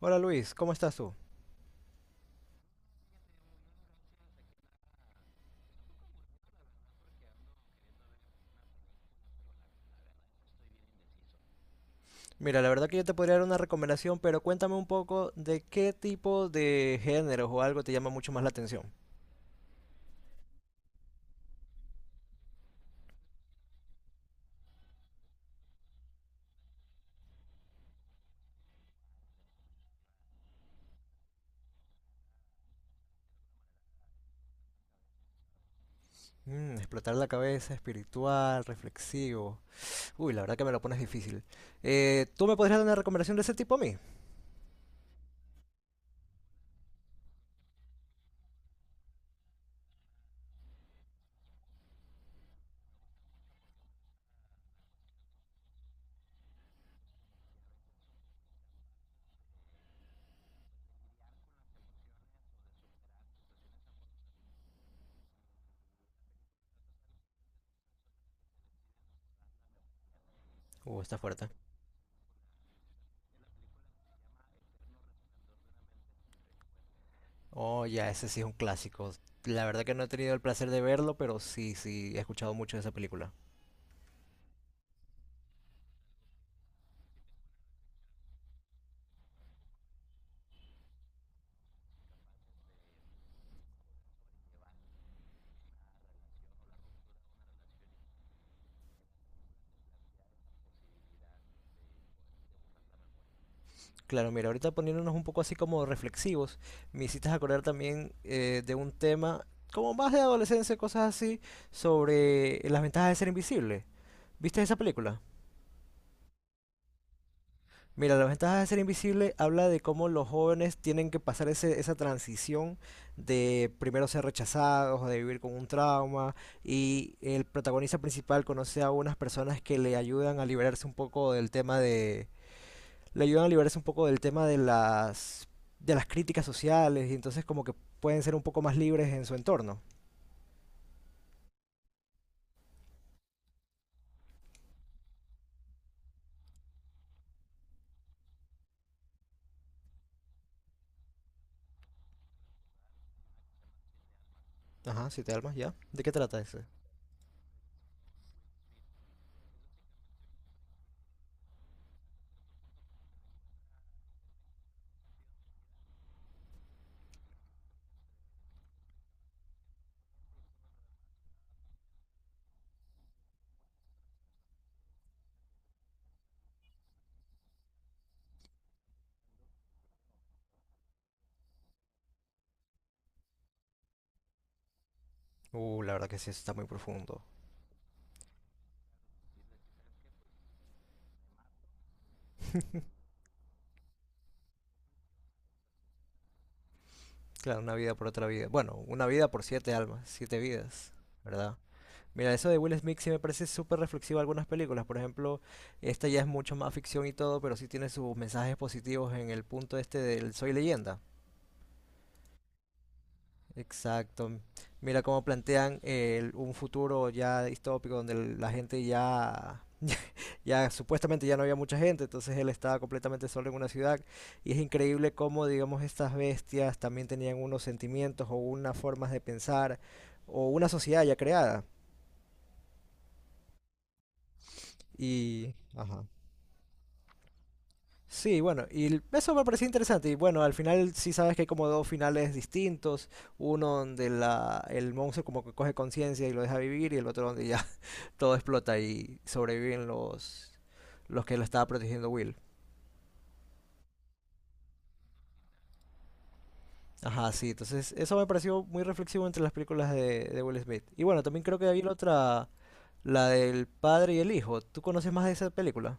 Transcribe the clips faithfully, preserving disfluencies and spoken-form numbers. Hola Luis, ¿cómo estás tú? Mira, la verdad que yo te podría dar una recomendación, pero cuéntame un poco de qué tipo de géneros o algo te llama mucho más la atención. Mm, explotar la cabeza, espiritual, reflexivo. Uy, la verdad que me lo pones difícil. Eh, ¿tú me podrías dar una recomendación de ese tipo a mí? Uh, está fuerte. Oh, ya, ese sí es un clásico. La verdad que no he tenido el placer de verlo, pero sí, sí, he escuchado mucho de esa película. Claro, mira, ahorita poniéndonos un poco así como reflexivos, me hiciste acordar también eh, de un tema como más de adolescencia, cosas así, sobre las ventajas de ser invisible. ¿Viste esa película? Mira, las ventajas de ser invisible habla de cómo los jóvenes tienen que pasar ese- esa transición de primero ser rechazados o de vivir con un trauma y el protagonista principal conoce a unas personas que le ayudan a liberarse un poco del tema le ayudan a liberarse un poco del tema de las, de las críticas sociales y entonces como que pueden ser un poco más libres en su entorno. Ajá, siete almas, ya. ¿De qué trata ese? Uh, la verdad que sí, eso está muy profundo. Claro, una vida por otra vida. Bueno, una vida por siete almas, siete vidas, ¿verdad? Mira, eso de Will Smith sí me parece súper reflexivo en algunas películas. Por ejemplo, esta ya es mucho más ficción y todo, pero sí tiene sus mensajes positivos en el punto este del Soy Leyenda. Exacto. Mira cómo plantean el- un futuro ya distópico donde el- la gente ya, ya supuestamente ya no había mucha gente, entonces él estaba completamente solo en una ciudad y es increíble cómo, digamos, estas bestias también tenían unos sentimientos o unas formas de pensar o una sociedad ya creada. Y, ajá. Sí, bueno, y l- eso me pareció interesante. Y bueno, al final sí sabes que hay como dos finales distintos. Uno donde la, el monstruo como que coge conciencia y lo deja vivir y el otro donde ya todo explota y sobreviven los, los que lo estaba protegiendo Will. Ajá, sí, entonces eso me pareció muy reflexivo entre las películas de, de Will Smith. Y bueno, también creo que había la otra, la del padre y el hijo. ¿Tú conoces más de esa película?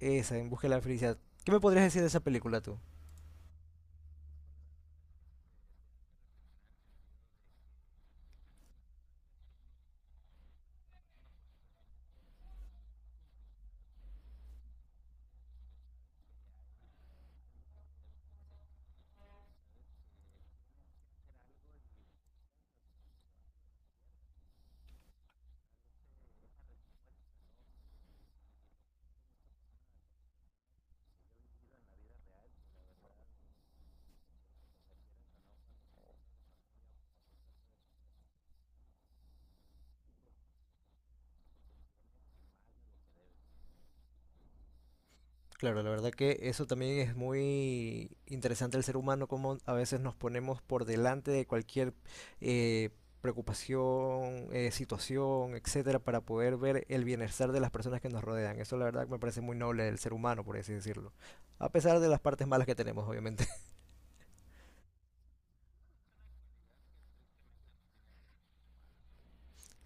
Esa, En Busca de la Felicidad. ¿Qué me podrías decir de esa película tú? Claro, la verdad que eso también es muy interesante el ser humano, como a veces nos ponemos por delante de cualquier eh, preocupación, eh, situación, etcétera, para poder ver el bienestar de las personas que nos rodean. Eso la verdad que me parece muy noble del ser humano, por así decirlo. A pesar de las partes malas que tenemos, obviamente.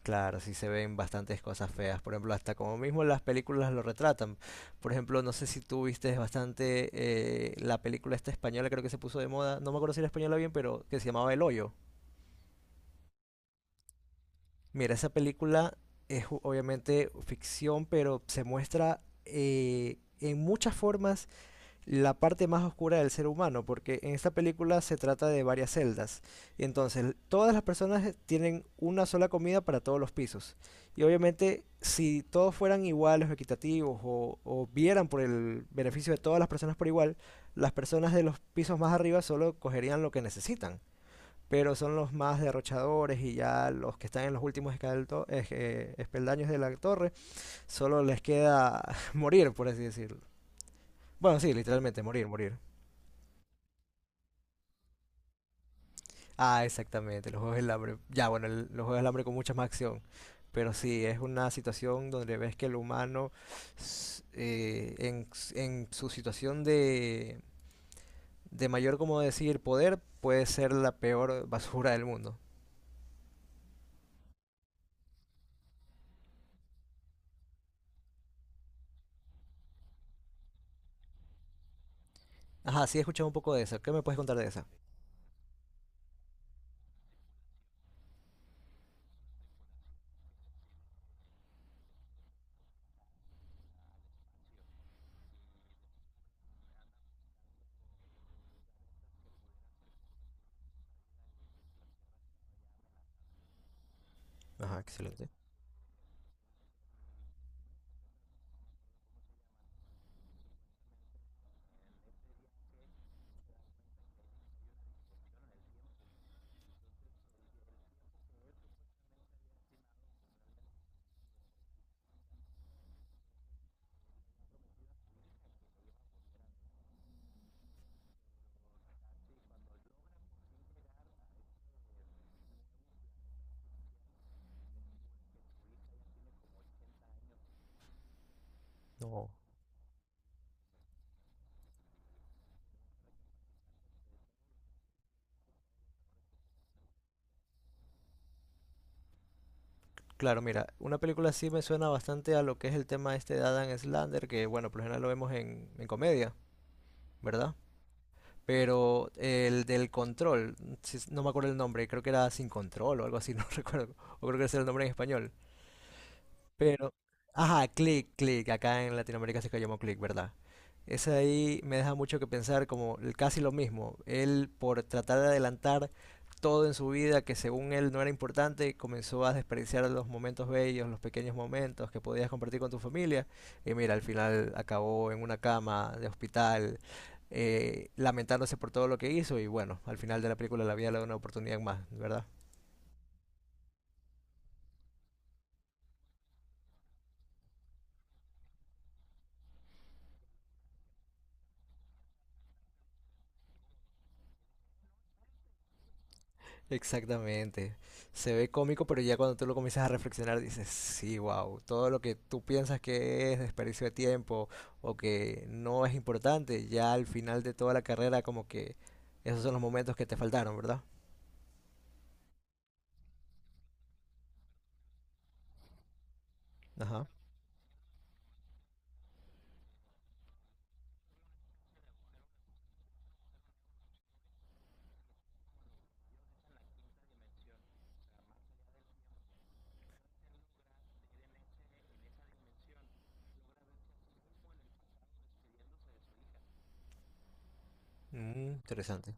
Claro, sí se ven bastantes cosas feas. Por ejemplo, hasta como mismo las películas lo retratan. Por ejemplo, no sé si tú viste bastante eh, la película esta española, creo que se puso de moda. No me acuerdo si era española bien, pero que se llamaba El Hoyo. Mira, esa película es u- obviamente ficción, pero se muestra eh, en muchas formas la parte más oscura del ser humano, porque en esta película se trata de varias celdas. Y entonces, todas las personas eh, tienen una sola comida para todos los pisos. Y obviamente, si todos fueran iguales o equitativos o, o vieran por el beneficio de todas las personas por igual, las personas de los pisos más arriba solo cogerían lo que necesitan pero son los más derrochadores y ya los que están en los últimos escalto- es- eh, espeldaños de la torre, solo les queda morir, por así decirlo. Bueno, sí, literalmente, morir, morir. Ah, exactamente, los juegos del hambre. Ya, bueno, el- los juegos del hambre con mucha más acción. Pero sí, es una situación donde ves que el humano, s- eh, en, s- en su situación de, de mayor, como decir, poder, puede ser la peor basura del mundo. Ajá, sí, he escuchado un poco de eso. ¿Qué me puedes contar de esa? Ajá, excelente. No. Claro, mira, una película así me suena bastante a lo que es el tema este de Adam Slander, que bueno, por lo general lo vemos en, en comedia, ¿verdad? Pero el del control, si no me acuerdo el nombre, creo que era Sin Control o algo así, no recuerdo, o creo que ese era el nombre en español. Pero, ajá, Click, Click, acá en Latinoamérica se llamó Click, ¿verdad? Ese ahí me deja mucho que pensar, como el- casi lo mismo. Él por tratar de adelantar todo en su vida que según él no era importante, comenzó a despreciar los momentos bellos, los pequeños momentos que podías compartir con tu familia. Y mira, al final acabó en una cama de hospital, eh, lamentándose por todo lo que hizo y bueno, al final de la película la vida le da una oportunidad más, ¿verdad? Exactamente. Se ve cómico, pero ya cuando tú lo comienzas a reflexionar dices, sí, wow, todo lo que tú piensas que es desperdicio de tiempo o que no es importante, ya al final de toda la carrera como que esos son los momentos que te faltaron, ¿verdad? Ajá. Mm, interesante.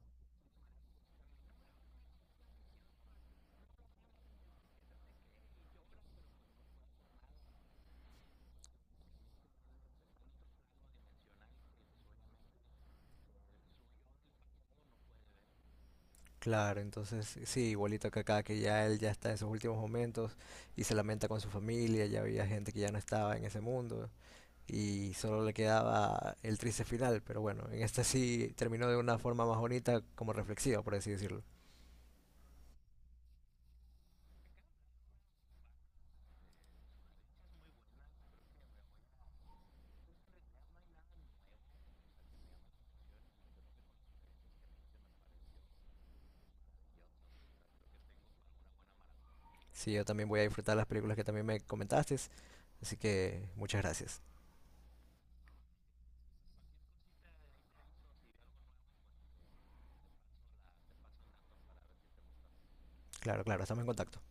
Claro, entonces sí, igualito que acá, que ya él ya está en sus últimos momentos y se lamenta con su familia, ya había gente que ya no estaba en ese mundo. Y solo le quedaba el triste final, pero bueno, en este sí terminó de una forma más bonita, como reflexiva, por así decirlo. Sí, yo también voy a disfrutar las películas que también me comentaste, así que muchas gracias. Claro, claro, estamos en contacto.